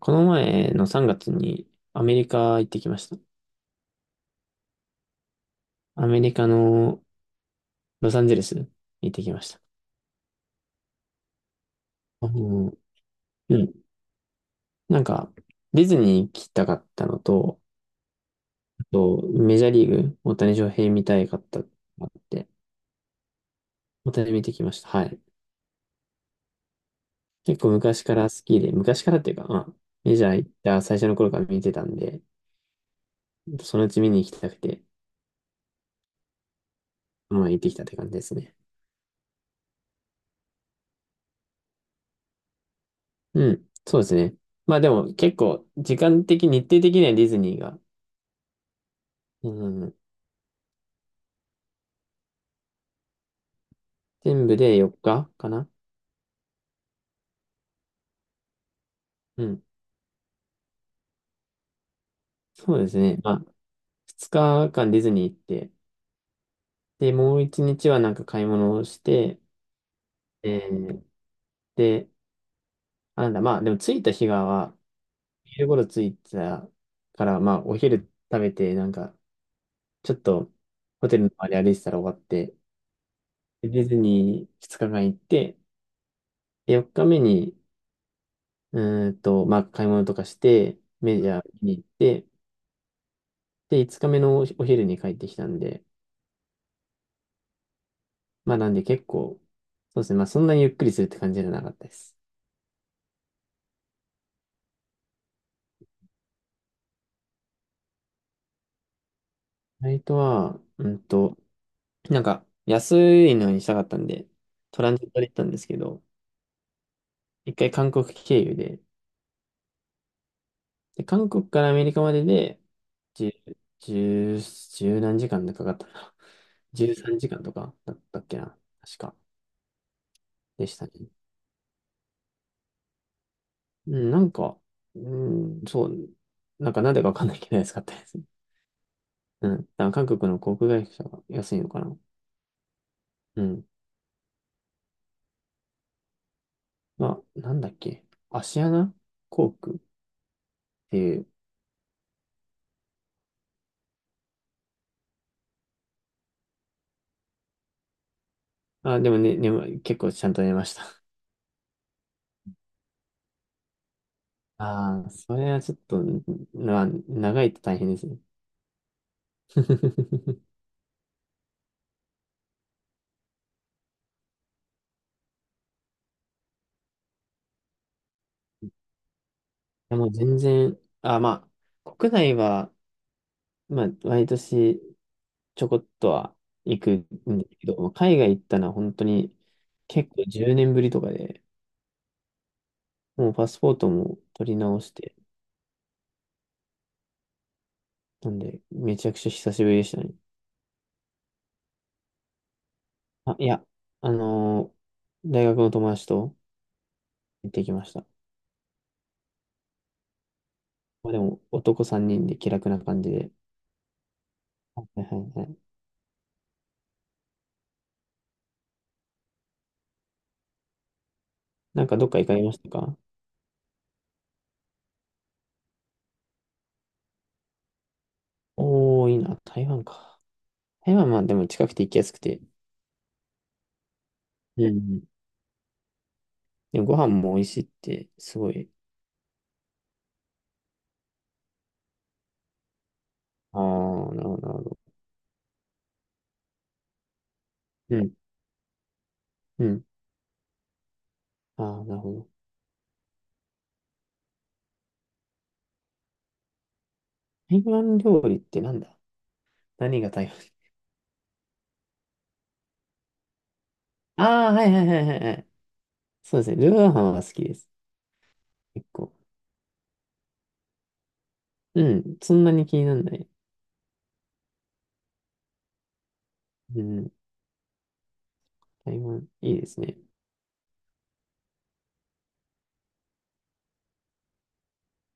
この前の3月にアメリカ行ってきました。アメリカのロサンゼルス行ってきました。あの、うん。なんか、ディズニー行きたかったのと、あと、メジャーリーグ、大谷翔平見たいかったのがあって、大谷見てきました。はい。結構昔から好きで、昔からっていうか、まあ、メジャー行った最初の頃から見てたんで、そのうち見に行きたくて、まあ行ってきたって感じですね。うん。そうですね。まあでも結構、時間的、日程的にはディズニーが、うん、全部で4日かかな。うん。そうですね。まあ、2日間ディズニー行って、で、もう1日はなんか買い物をして、えーで、あ、なんだ、まあ、でも着いた日がは、昼頃着いたから、まあ、お昼食べて、なんか、ちょっと、ホテルの周り歩いてたら終わって、でディズニー2日間行って、で、4日目に、まあ、買い物とかして、メジャー見に行って、で、5日目のお昼に帰ってきたんで、まあなんで結構、そうですね。まあそんなにゆっくりするって感じじゃなかったです。フライトは、なんか安いのにしたかったんで、トランジットで行ったんですけど、一回韓国経由で、で、韓国からアメリカまでで、十、十何時間でかかったな。13時間とかだったっけな。確か。でしたね。うん、なんか、うん、そう、なんかなんでかわかんないけど安かったですね。うん。多分韓国の航空会社が安いのかな。うん。まあ、なんだっけ。芦穴航空っていう。あ、でもね、結構ちゃんと寝ました。ああ、それはちょっと、長いと大変ですね。いやもう全然、あ、まあ、国内は、まあ、毎年ちょこっとは行くんですけど、海外行ったのは本当に結構10年ぶりとかで、もうパスポートも取り直して、なんで、めちゃくちゃ久しぶりでしたね。あ、いや、あのー大学の友達と、行ってきました。まあでも、男3人で気楽な感じで。はいはいはい。なんかどっか行かれましたか？おー、いいな。台湾か。台湾はまあでも近くて行きやすくて。うん。でもご飯も美味しいって、すごい。あー、なるほど、なるほど。うん、うん。ああ、なるほど。台湾料理ってなんだ？何が台湾？あー、はいはいはいはいはい。そうですね。ルーローハンは好きです。結構。うん。そんなに気にならない。うん。台湾、いいですね。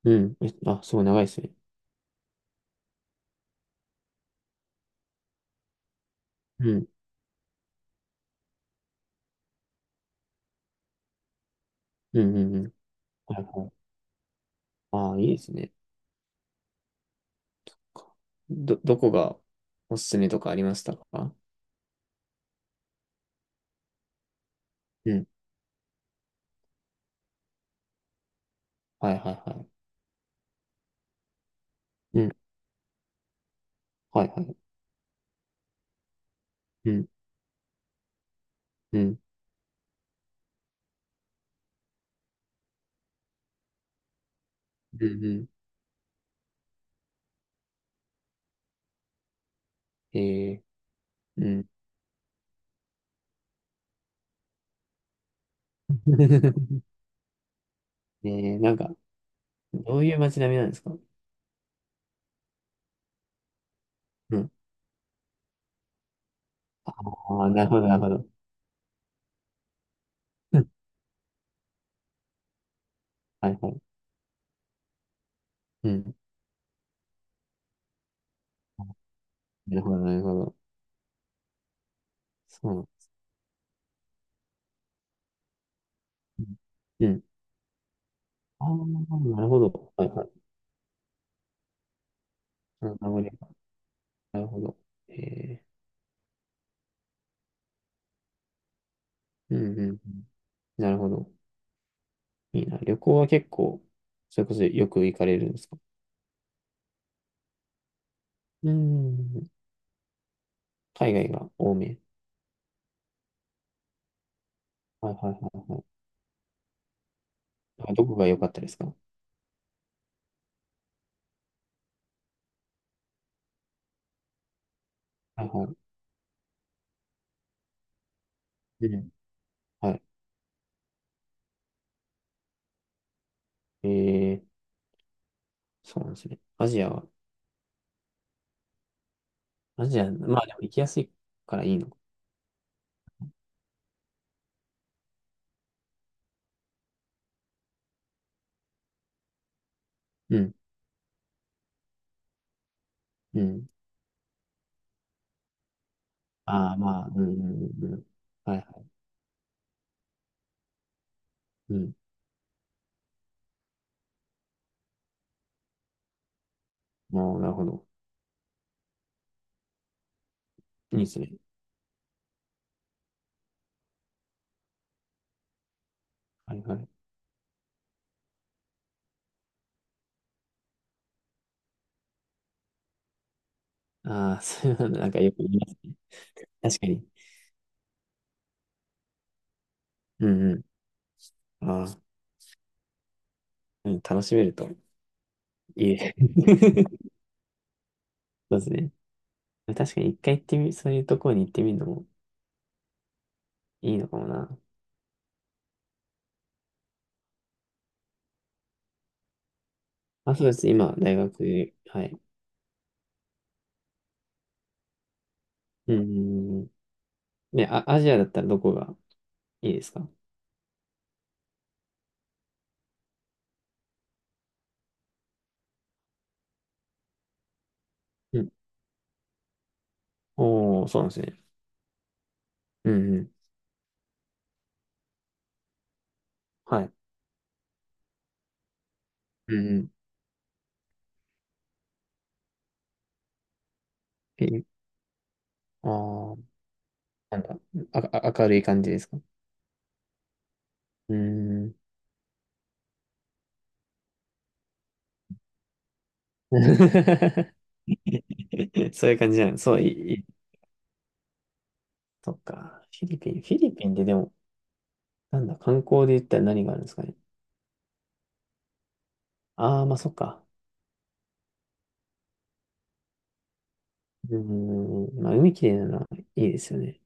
うん。すごい長いですね。うん。うんうんうん。はいはい。ああ、いいですね。どこがおすすめとかありましたか？うん。はいはいはい。うん。はいはい。うん。うん。うん。うん。うん。なんか、どういう街並みなんですか？うん。ああ、なるほど、なるほど。うん はいはい。うん。なるほど、なるほど。そう。うん。うん。ああ、なるほど。はいはい。名残。なるほど。ええ。うんうんうん。なるほど。いいな。旅行は結構、それこそよく行かれるんですか？うん。海外が多め。はいはいはいはい。あ、どこが良かったですか？はいはい。うん。はい。そうなんですね。アジアは、アジア、まあでも行きやすいからいいのか。うん。うん。ああ、まあ、うん、うん、うん。はいはい。うん。もう、なるほど。いいですね。はいはい。ああ、そういうのなんかよく言いますね。確かに。うんうん。ああ、うん、楽しめるといいね。そうですね。確かに一回行ってみ、そういうところに行ってみるのもいいのかもな。あ、そうです。今、大学、はい。うん。ね、あ、アジアだったらどこがいいですか？うん。おー、そうなんですね。うんうん。はい。うんうん。え、あー、なんだ。明るい感じですか？うん。そういう感じじゃん。そう、いい、いい。そっか。フィリピンってでも、なんだ、観光で言ったら何があるんですかね。ああ、まあそっか。うん。まあ、海きれいなのはいいですよね。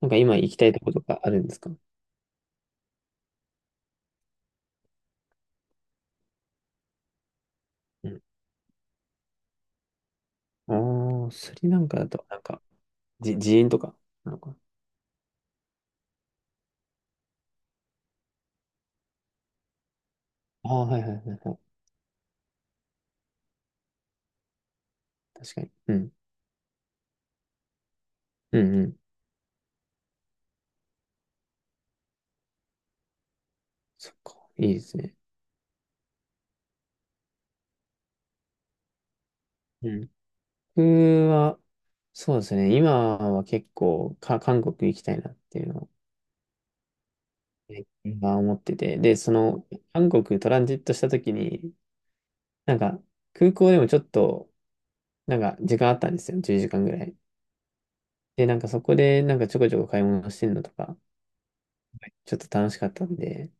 なんか今行きたいとことかあるんですか？うん。ああ、スリランカだと、なんか、自演とかなのかな。ああ、はいはいはいはい。確かに。うん。うんうん。そっか。いいですね。うん。僕は、そうですね。今は結構韓国行きたいなっていうのを、ね今思ってて。で、その、韓国トランジットした時に、なんか、空港でもちょっと、なんか、時間あったんですよ。10時間ぐらい。で、なんかそこで、なんかちょこちょこ買い物してるのとか、ちょっと楽しかったんで、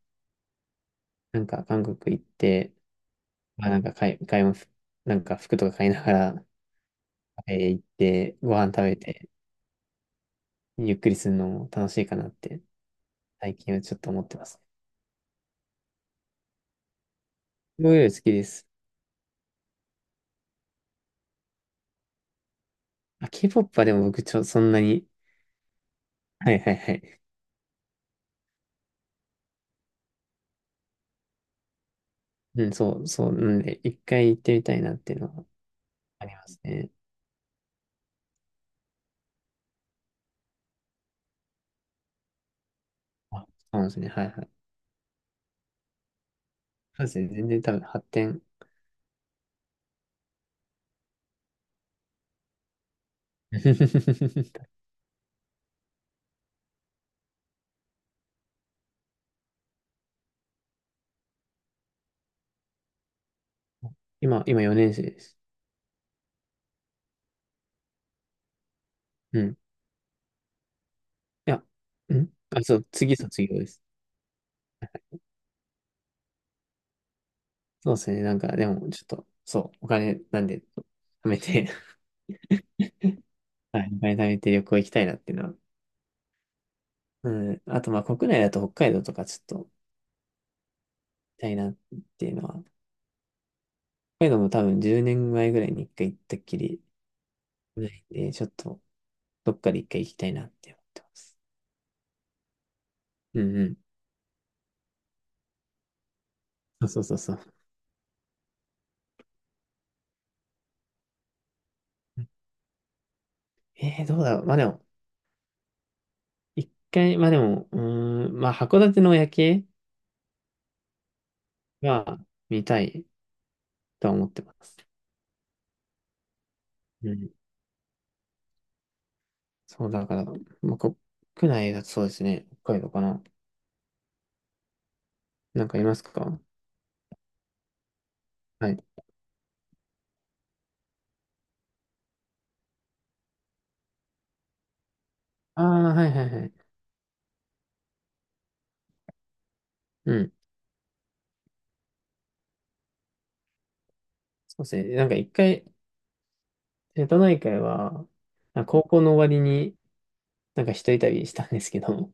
なんか韓国行って、まあなんか買い物、なんか服とか買いながら、行って、ご飯食べて、ゆっくりするのも楽しいかなって、最近はちょっと思ってます。僕より好きです。あ、K-POP はでも僕そんなに、はいはいはい。うん、そう、そう、なんで、一回行ってみたいなっていうのはありますね。あ、そうなんですね。はいはい。そうですね。全然多分発展。今、4年生です。うん。いや、うん。あ、そう、次卒業です。そうですね。なんか、でも、ちょっと、そう、お金なんで、貯めて はい、お金貯めて旅行行きたいなっていうのはうん。あと、まあ、国内だと北海道とかちょっと行きたいなっていうのは、北海道も多分10年前ぐらいに一回行ったっきりないんで、ちょっとどっかで一回行きたいなって思ってます。うんうん。そうそうそうそう。どうだろう。まあでも、一回、まあでも、うーん、まあ函館の夜景は見たいとは思ってます。うん。そうだから、まあ国内だとそうですね。北海道かな。なんかいますか？はい。ああ、はいはいはい。うん。そうですね。なんか一回、瀬戸内海は、あ高校の終わりになんか一人旅したんですけど、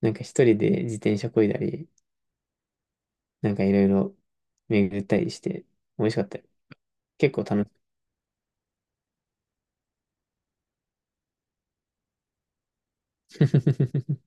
なんか一人で自転車漕いだり、なんかいろいろ巡ったりして、美味しかったよ。結構楽しい。